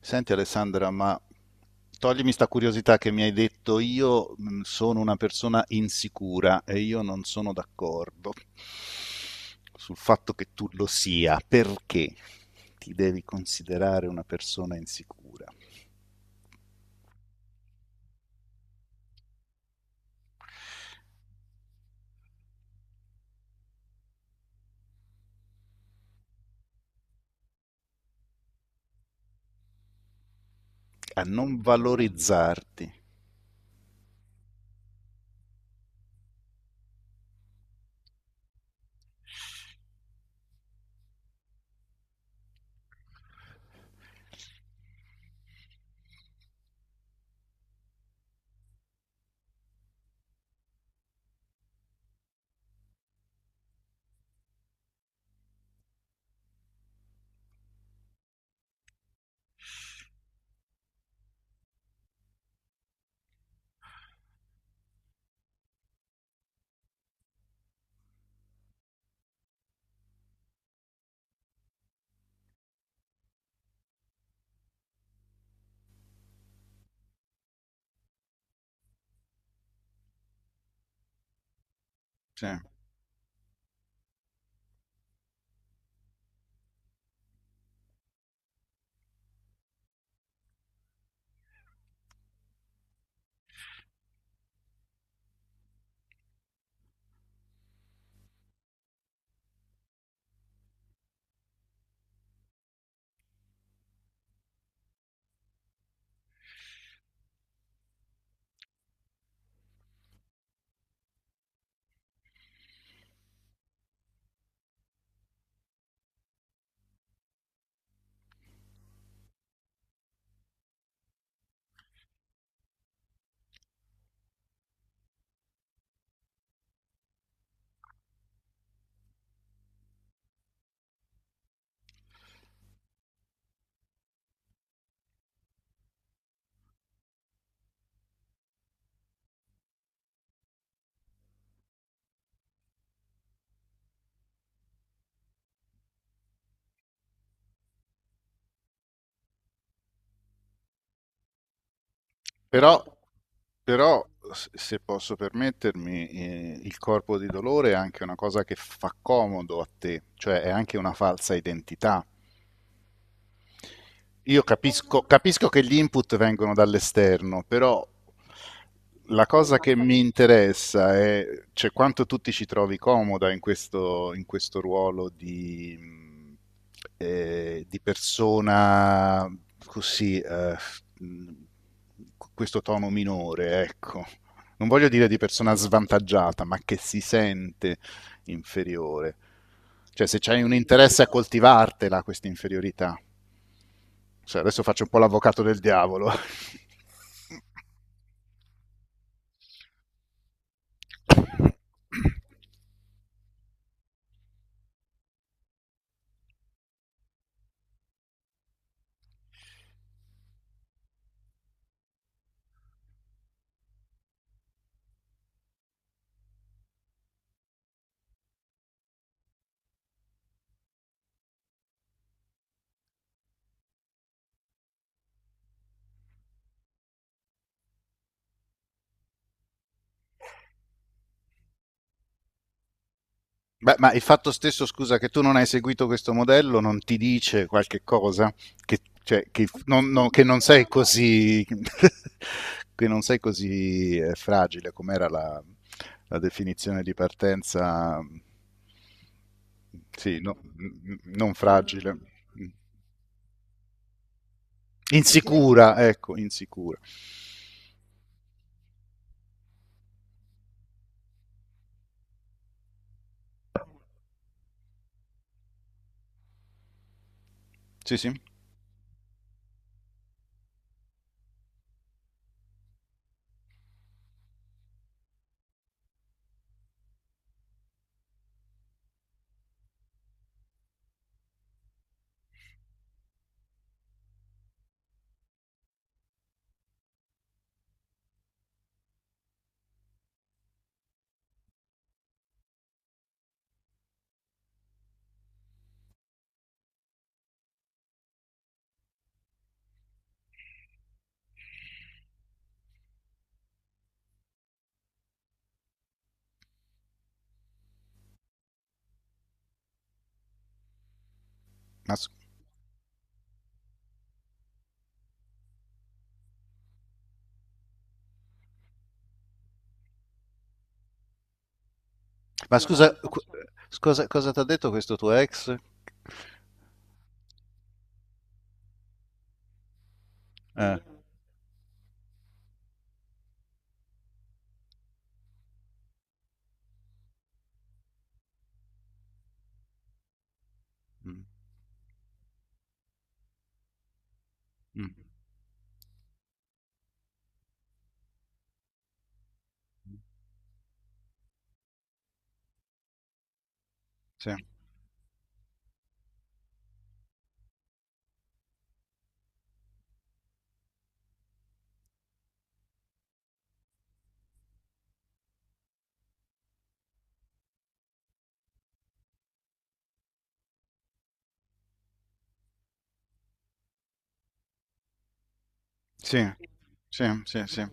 Senti Alessandra, ma toglimi sta curiosità che mi hai detto, io sono una persona insicura e io non sono d'accordo sul fatto che tu lo sia, perché ti devi considerare una persona insicura, a non valorizzarti. Cioè, Però, però, se posso permettermi, il corpo di dolore è anche una cosa che fa comodo a te, cioè è anche una falsa identità. Io capisco, capisco che gli input vengono dall'esterno, però la cosa che mi interessa è, cioè, quanto tu ti ci trovi comoda in questo ruolo di persona così, mh, con questo tono minore, ecco. Non voglio dire di persona svantaggiata, ma che si sente inferiore. Cioè, se c'hai un interesse a coltivartela, questa inferiorità. Cioè, adesso faccio un po' l'avvocato del diavolo. Beh, ma il fatto stesso, scusa, che tu non hai seguito questo modello non ti dice qualche cosa? Che, cioè, che non sei così, che non sei così fragile, com'era la definizione di partenza? Sì, non fragile. Insicura, ecco, insicura. Sì, sì, ass- Ma scusa, scusa, cosa ti ha detto questo tuo ex? Eh. Mm, mm. Sì, sì, sì, sì, sì,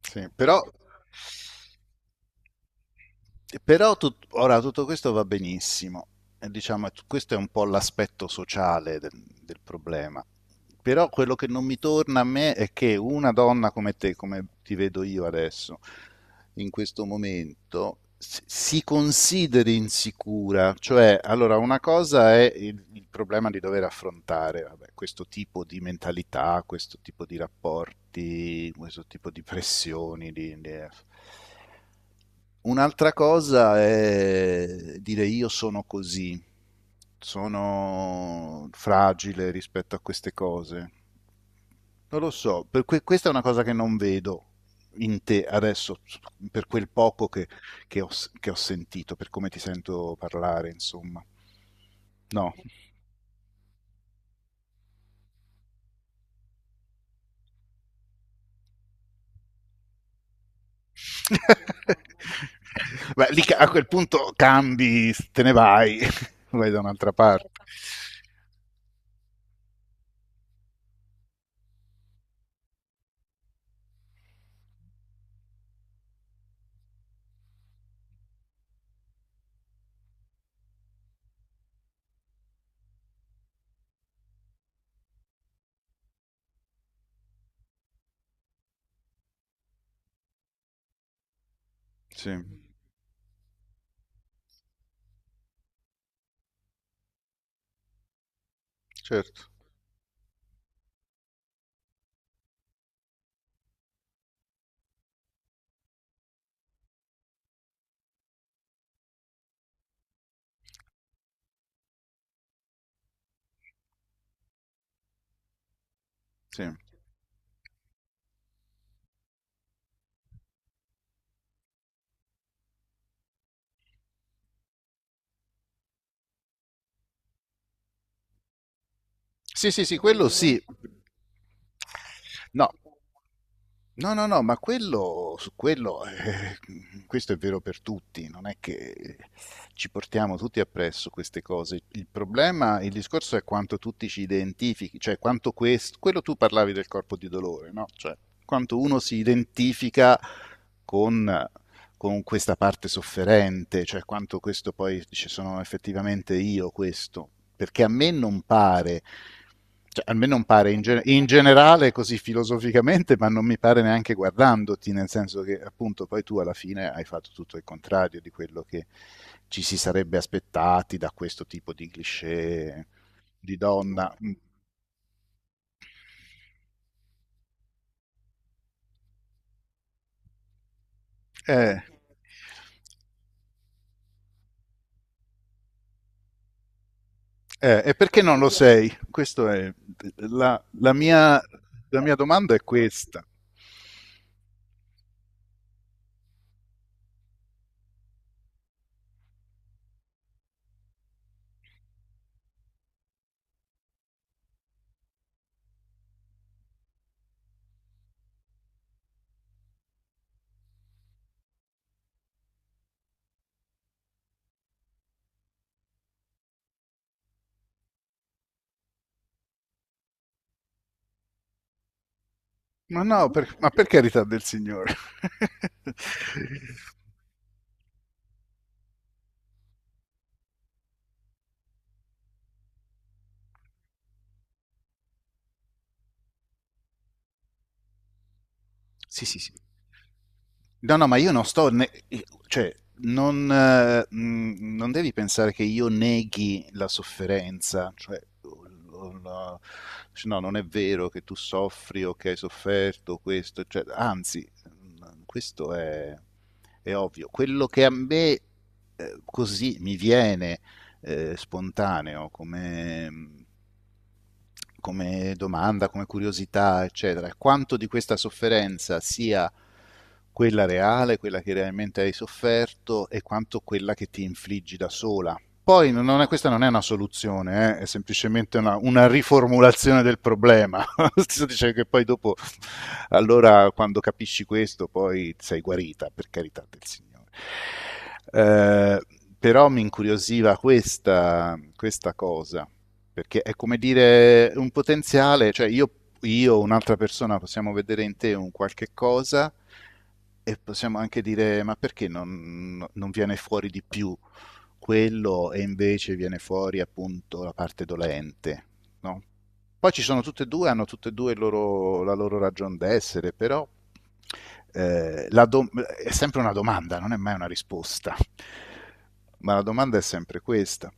sì. Però, ora tutto questo va benissimo, e diciamo, questo è un po' l'aspetto sociale del, del problema. Però quello che non mi torna a me è che una donna come te, come ti vedo io adesso, in questo momento, si consideri insicura. Cioè, allora, una cosa è il problema di dover affrontare, vabbè, questo tipo di mentalità, questo tipo di rapporti, questo tipo di pressioni, un'altra cosa è dire io sono così, sono fragile rispetto a queste cose. Non lo so, questa è una cosa che non vedo in te adesso, per quel poco che, che ho, che ho sentito, per come ti sento parlare, insomma. No. Beh, a quel punto cambi, te ne vai, vai da un'altra parte. Sì, certo, sì. Sì, sì, sì, quello sì. No, no, no, no, ma quello, su quello, questo è vero per tutti, non è che ci portiamo tutti appresso queste cose. Il problema, il discorso è quanto tutti ci identifichi, cioè quanto questo, quello tu parlavi del corpo di dolore, no? Cioè quanto uno si identifica con con questa parte sofferente, cioè quanto questo poi dice sono effettivamente io questo, perché a me non pare, cioè, a me non pare in, in generale così filosoficamente, ma non mi pare neanche guardandoti, nel senso che appunto poi tu alla fine hai fatto tutto il contrario di quello che ci si sarebbe aspettati da questo tipo di cliché di donna. Mm. Eh, e perché non lo sei? Questo è la, la mia domanda è questa. Ma no, per, ma per carità del Signore. Sì, sì, sì. No, no, ma io non sto... cioè, non devi pensare che io neghi la sofferenza, cioè... la- cioè, no, non è vero che tu soffri o che hai sofferto questo, cioè, anzi, questo è ovvio. Quello che a me così mi viene spontaneo come, come domanda, come curiosità, eccetera, quanto di questa sofferenza sia quella reale, quella che realmente hai sofferto e quanto quella che ti infliggi da sola. Poi non è- questa non è una soluzione, è semplicemente una riformulazione del problema. Sto dicendo che poi dopo, allora quando capisci questo, poi sei guarita, per carità del Signore. Eh, però mi incuriosiva questa, questa cosa. Perché è come dire un potenziale, cioè io o un'altra persona possiamo vedere in te un qualche cosa e possiamo anche dire, ma perché non, no, non viene fuori di più quello e invece viene fuori appunto la parte dolente, no? Poi ci sono tutte e due, hanno tutte e due la loro ragion d'essere, però è sempre una domanda, non è mai una risposta. Ma la domanda è sempre questa.